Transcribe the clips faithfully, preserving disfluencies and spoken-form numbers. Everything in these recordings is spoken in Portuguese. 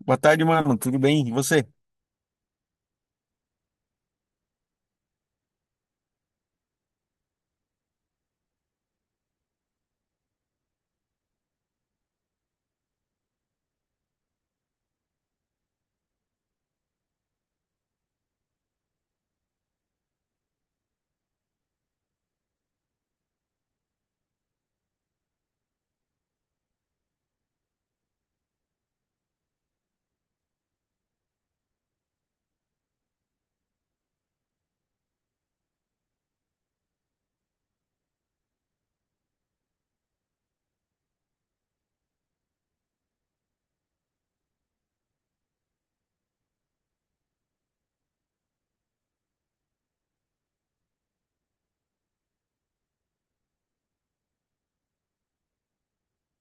Boa tarde, mano. Tudo bem? E você?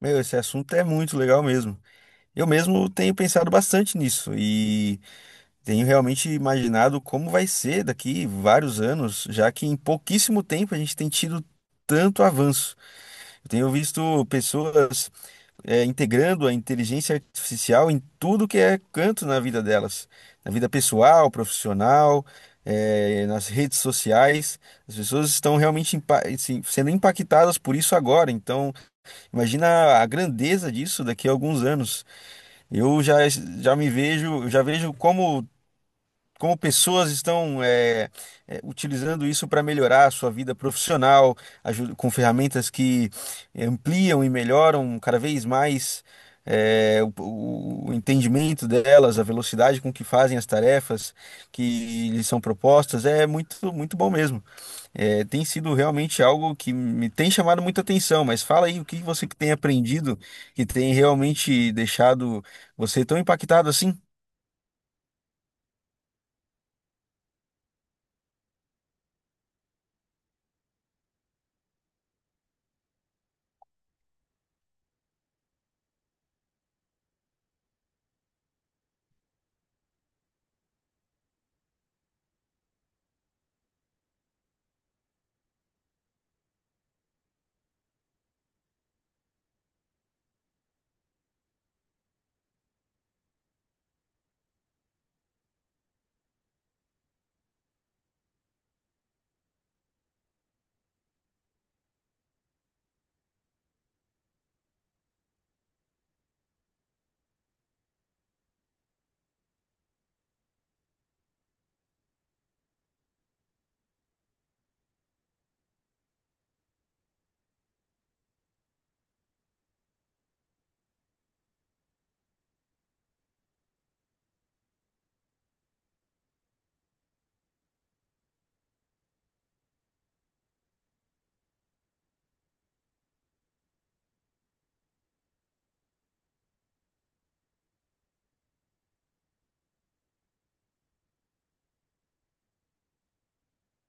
Meu, esse assunto é muito legal mesmo. Eu mesmo tenho pensado bastante nisso e tenho realmente imaginado como vai ser daqui vários anos, já que em pouquíssimo tempo a gente tem tido tanto avanço. Eu tenho visto pessoas eh, integrando a inteligência artificial em tudo que é canto na vida delas, na vida pessoal, profissional, eh, nas redes sociais. As pessoas estão realmente impa- assim, sendo impactadas por isso agora, então. Imagina a grandeza disso daqui a alguns anos. Eu já, já me vejo, eu já vejo como, como pessoas estão é, é, utilizando isso para melhorar a sua vida profissional, aju- com ferramentas que é, ampliam e melhoram cada vez mais é, o, o- o entendimento delas, a velocidade com que fazem as tarefas que lhes são propostas. É muito, muito bom mesmo. É, tem sido realmente algo que me tem chamado muita atenção, mas fala aí o que você que tem aprendido que tem realmente deixado você tão impactado assim?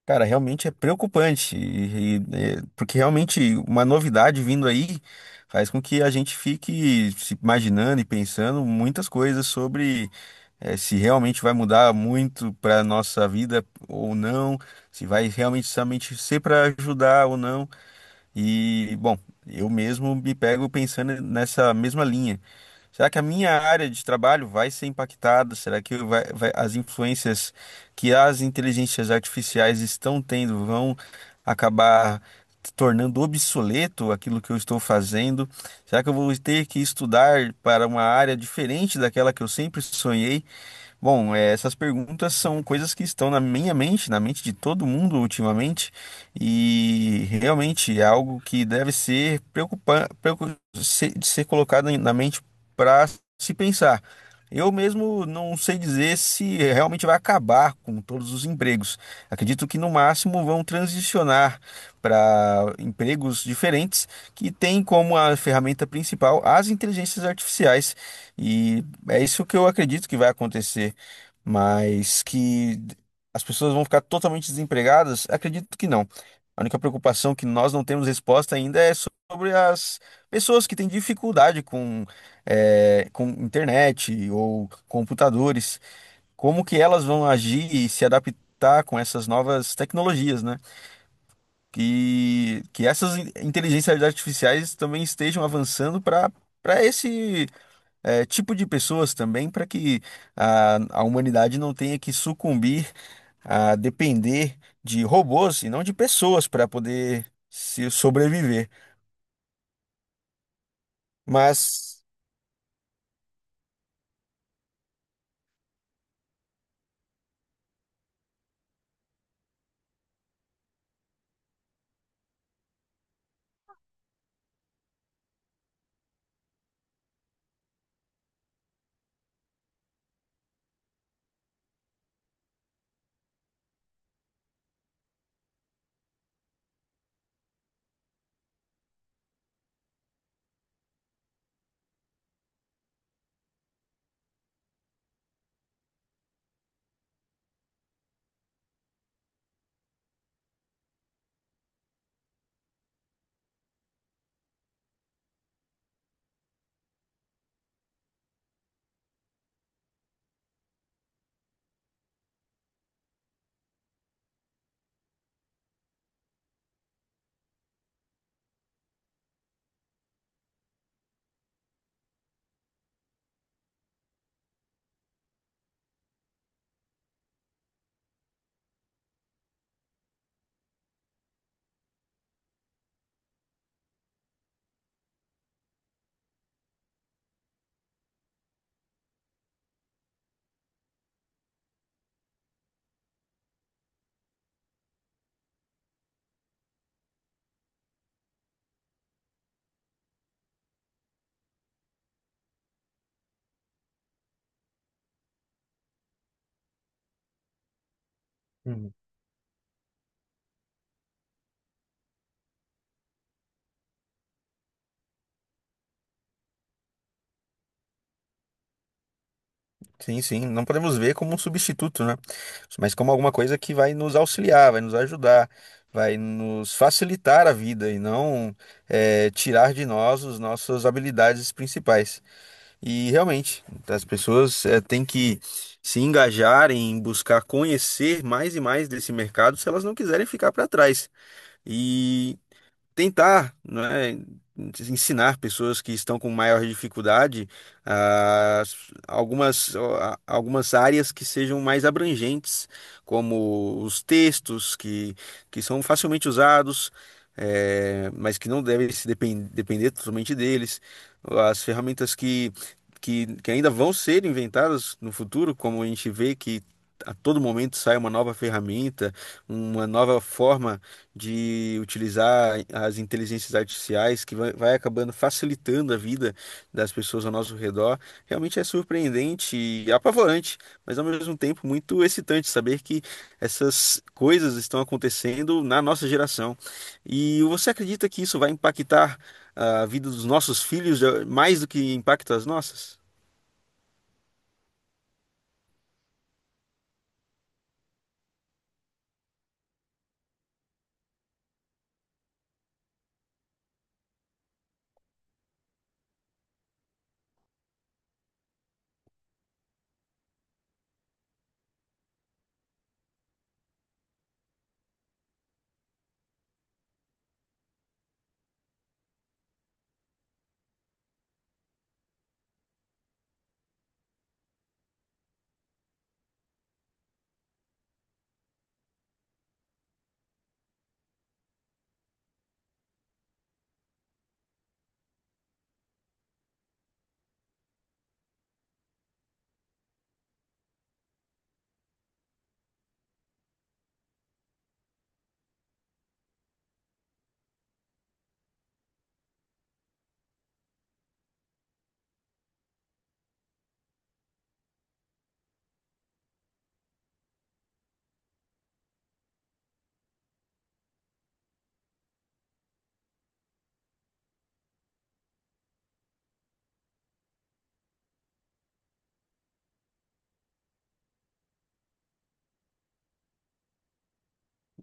Cara, realmente é preocupante, e- e, é, porque realmente uma novidade vindo aí faz com que a gente fique se imaginando e pensando muitas coisas sobre eh, se realmente vai mudar muito para nossa vida ou não, se vai realmente somente ser para ajudar ou não. E, bom, eu mesmo me pego pensando nessa mesma linha. Será que a minha área de trabalho vai ser impactada? Será que vai- vai- as influências que as inteligências artificiais estão tendo vão acabar tornando obsoleto aquilo que eu estou fazendo? Será que eu vou ter que estudar para uma área diferente daquela que eu sempre sonhei? Bom, eh, essas perguntas são coisas que estão na minha mente, na mente de todo mundo ultimamente, e realmente é algo que deve ser preocupa- preocu- ser, ser colocado em- na mente para se pensar. Eu mesmo não sei dizer se realmente vai acabar com todos os empregos. Acredito que no máximo vão transicionar para empregos diferentes que têm como a ferramenta principal as inteligências artificiais. E é isso que eu acredito que vai acontecer, mas que as pessoas vão ficar totalmente desempregadas? Acredito que não. A única preocupação que nós não temos resposta ainda é sobre as pessoas que têm dificuldade com, eh, com internet ou computadores. Como que elas vão agir e se adaptar com essas novas tecnologias, né? Que, que essas in- inteligências artificiais também estejam avançando para para esse é, tipo de pessoas também para que a, a humanidade não tenha que sucumbir a depender de robôs e não de pessoas para poder se sobreviver. Mas Uhum. Sim, sim, não podemos ver como um substituto, né? Mas como alguma coisa que vai nos auxiliar, vai nos ajudar, vai nos facilitar a vida e não é, tirar de nós as nossas habilidades principais. E realmente, as pessoas eh, têm que se engajar em buscar conhecer mais e mais desse mercado se elas não quiserem ficar para trás. E tentar, né, ensinar pessoas que estão com maior dificuldade ah, algumas, ah, algumas áreas que sejam mais abrangentes, como os textos que, que são facilmente usados, eh, mas que não devem se depen- depender totalmente deles, as ferramentas que, que, que ainda vão ser inventadas no futuro, como a gente vê que a todo momento sai uma nova ferramenta, uma nova forma de utilizar as inteligências artificiais que vai, vai acabando facilitando a vida das pessoas ao nosso redor, realmente é surpreendente e apavorante, mas ao mesmo tempo muito excitante saber que essas coisas estão acontecendo na nossa geração. E você acredita que isso vai impactar a vida dos nossos filhos, eh, mais do que impacta as nossas?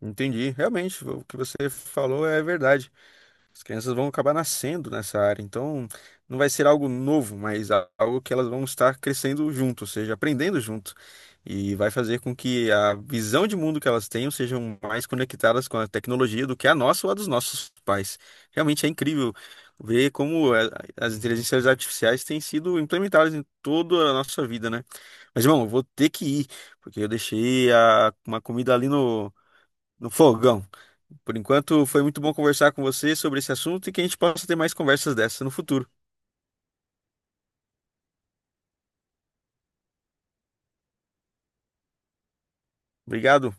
Entendi, realmente, o que você falou é verdade. As crianças vão acabar nascendo nessa área, então não vai ser algo novo, mas a- algo que elas vão estar crescendo junto, ou seja, aprendendo junto. E vai fazer com que a visão de mundo que elas tenham sejam mais conectadas com a tecnologia do que a nossa ou a dos nossos pais. Realmente é incrível ver como é, as inteligências artificiais têm sido implementadas em toda a nossa vida, né? Mas, irmão, eu vou ter que ir, porque eu deixei a- uma comida ali no, no fogão. Por enquanto, foi muito bom conversar com você sobre esse assunto e que a gente possa ter mais conversas dessas no futuro. Obrigado.